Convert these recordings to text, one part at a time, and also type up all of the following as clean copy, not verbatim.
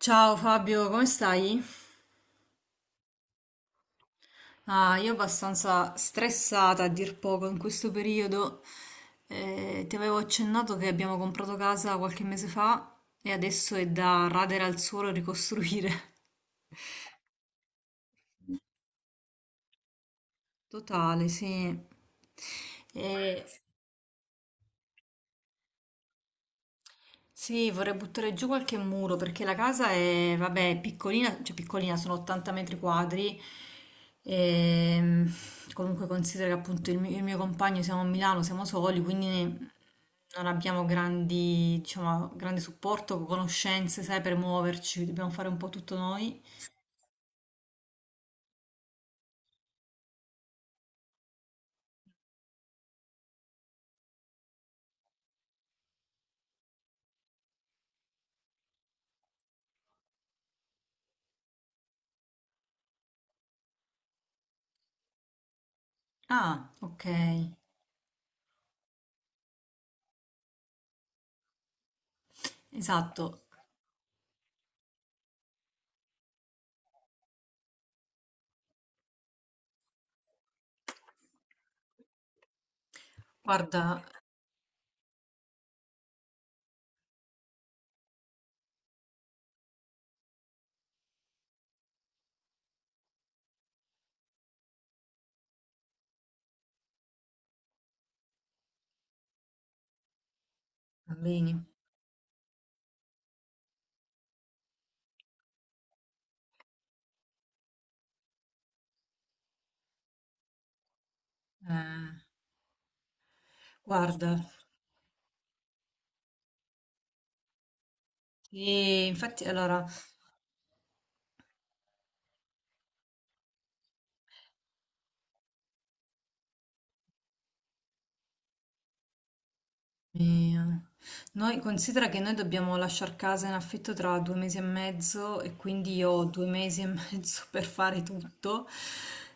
Ciao Fabio, come stai? Ah, io abbastanza stressata a dir poco in questo periodo. Ti avevo accennato che abbiamo comprato casa qualche mese fa e adesso è da radere al suolo e ricostruire. Totale, sì. E- Sì, vorrei buttare giù qualche muro perché la casa è, vabbè, è piccolina, cioè piccolina, sono 80 metri quadri. E, Comunque considera che appunto il mio compagno siamo a Milano, siamo soli, non abbiamo grandi, diciamo, grande supporto, conoscenze, sai, per muoverci, dobbiamo fare un po' tutto noi. Ah, ok, esatto. Guarda, bambini, eh, guarda, sì, infatti allora mia. Noi considera che noi dobbiamo lasciare casa in affitto tra due mesi e mezzo e quindi io ho due mesi e mezzo per fare tutto.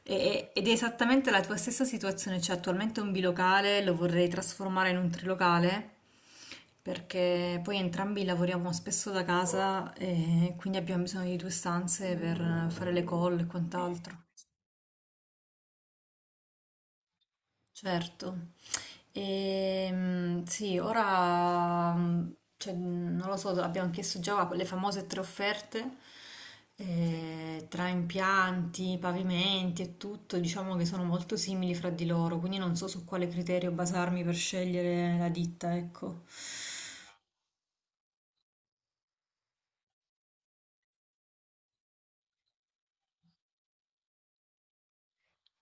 Ed è esattamente la tua stessa situazione, cioè attualmente un bilocale lo vorrei trasformare in un trilocale perché poi entrambi lavoriamo spesso da casa e quindi abbiamo bisogno di due stanze per fare le call e quant'altro. Certo. Sì, ora cioè, non lo so, abbiamo chiesto già le famose tre offerte. Sì. Tra impianti, pavimenti e tutto, diciamo che sono molto simili fra di loro, quindi non so su quale criterio basarmi per scegliere la ditta, ecco.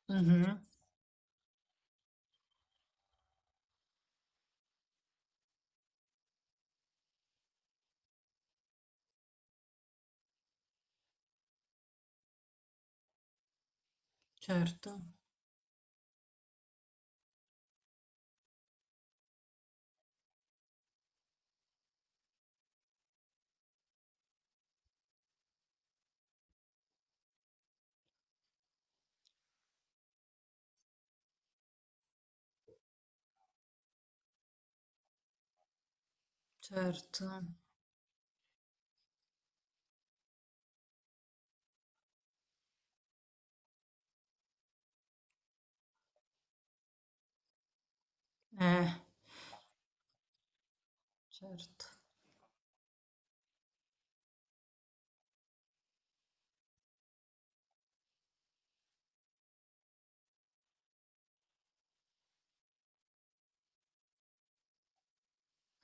Mhm, certo, certo, eh, certo.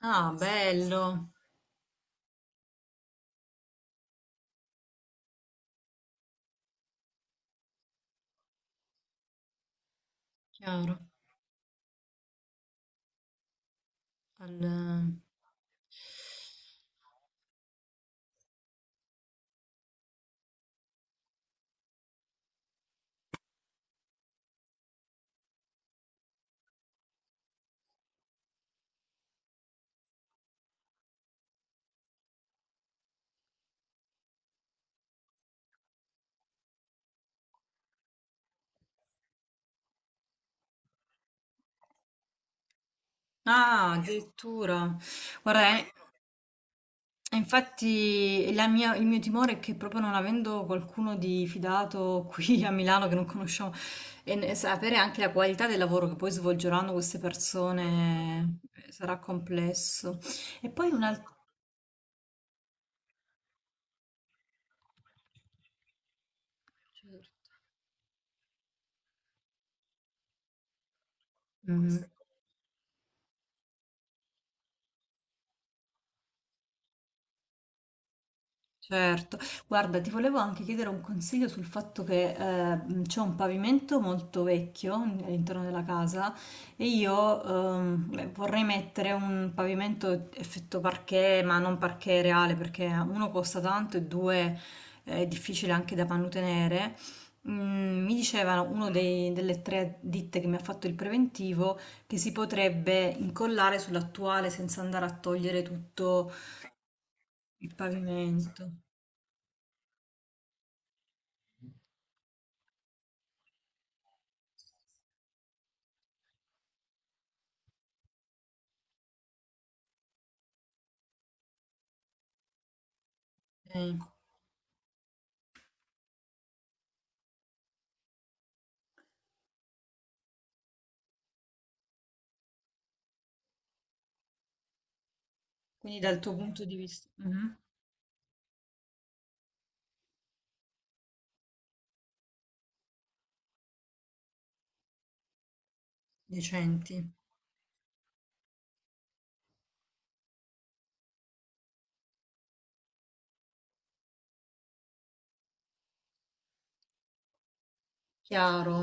Ah, bello, chiaro. Al- Ah, addirittura. Guarda, e infatti il mio timore è che proprio non avendo qualcuno di fidato qui a Milano che non conosciamo sapere anche la qualità del lavoro che poi svolgeranno queste persone sarà complesso. E poi un altro... Certo. Mhm. Questo certo, guarda, ti volevo anche chiedere un consiglio sul fatto che c'è un pavimento molto vecchio all'interno della casa e io beh, vorrei mettere un pavimento effetto parquet, ma non parquet reale perché uno costa tanto e due è difficile anche da mantenere. Mm, mi dicevano uno delle tre ditte che mi ha fatto il preventivo che si potrebbe incollare sull'attuale senza andare a togliere tutto il pavimento. Ok. Quindi dal tuo punto di vista, mhm. Decenti, chiaro.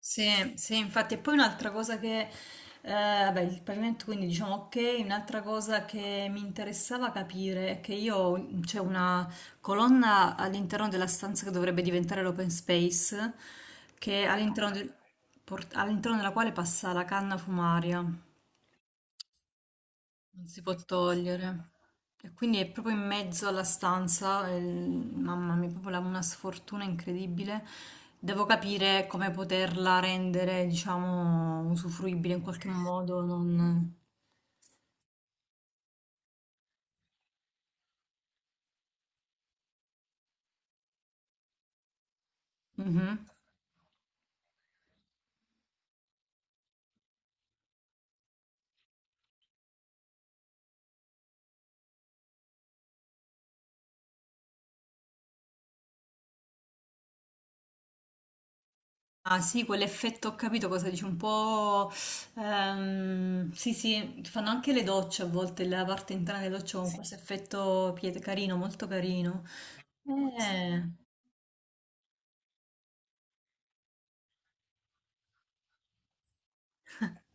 Sì, sì, infatti, e poi un'altra cosa che, vabbè, il pavimento, quindi diciamo ok, un'altra cosa che mi interessava capire è che c'è una colonna all'interno della stanza che dovrebbe diventare l'open space, che all'interno del- port- all'interno della quale passa la canna fumaria. Non si può togliere. E quindi è proprio in mezzo alla stanza, mamma mia, proprio una sfortuna incredibile. Devo capire come poterla rendere, diciamo, usufruibile in qualche modo. Non- mhm. Ah sì, quell'effetto, ho capito cosa dici, un po'... sì, sì, fanno anche le docce a volte, la parte interna delle docce con, sì, questo effetto piet- carino, molto carino. Eh...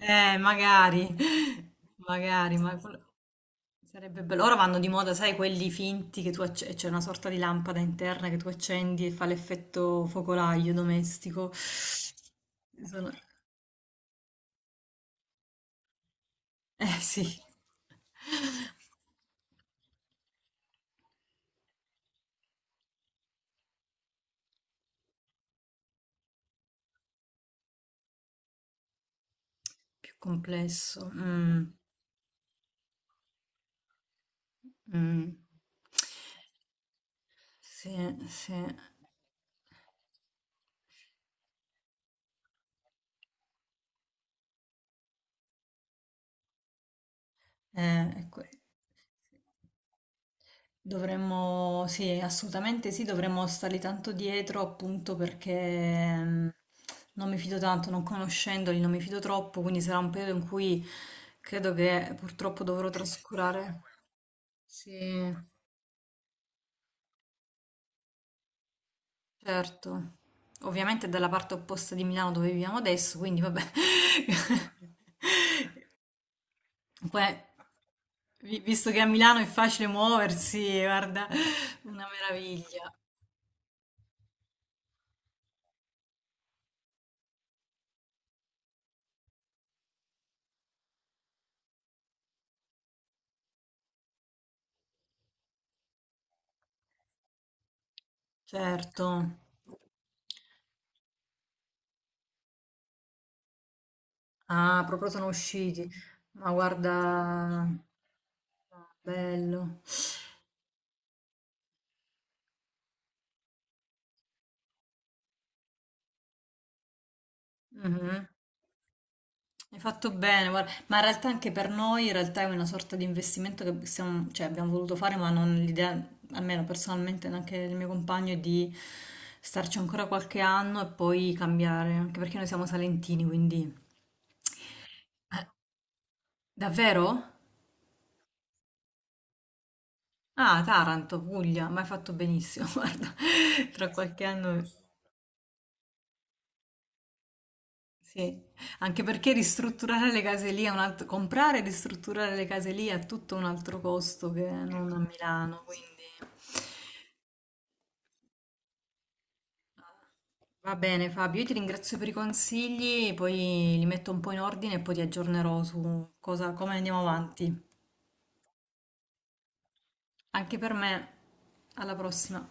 Magari, magari, ma quello- sarebbe bello. Ora vanno di moda, sai, quelli finti che tu acce- c'è una sorta di lampada interna che tu accendi e fa l'effetto focolaio domestico. Sono- eh sì, più complesso. Mm, mm. Sì, sì. Ecco. Dovremmo, sì, assolutamente sì, dovremmo starli tanto dietro appunto perché non mi fido tanto, non conoscendoli, non mi fido troppo, quindi sarà un periodo in cui credo che purtroppo dovrò trascurare. Sì, certo. Ovviamente è dalla parte opposta di Milano dove viviamo adesso, quindi vabbè. Poi, vi- visto che a Milano è facile muoversi, guarda, una meraviglia, certo. Ah, proprio sono usciti. Ma guarda, bello. Mhm. Hai fatto bene, guarda. Ma in realtà anche per noi in realtà è una sorta di investimento che stiamo- cioè, abbiamo voluto fare, ma non l'idea, almeno personalmente, neanche il mio compagno, è di starci ancora qualche anno e poi cambiare, anche perché noi siamo salentini, quindi... Eh, davvero? Ah, Taranto, Puglia, ma hai fatto benissimo, guarda, tra qualche anno... Sì, anche perché ristrutturare le case lì è un altro, comprare e ristrutturare le case lì è tutto un altro costo che non a Milano, quindi va bene Fabio, io ti ringrazio per i consigli, poi li metto un po' in ordine e poi ti aggiornerò su cosa, come andiamo avanti. Anche per me, alla prossima.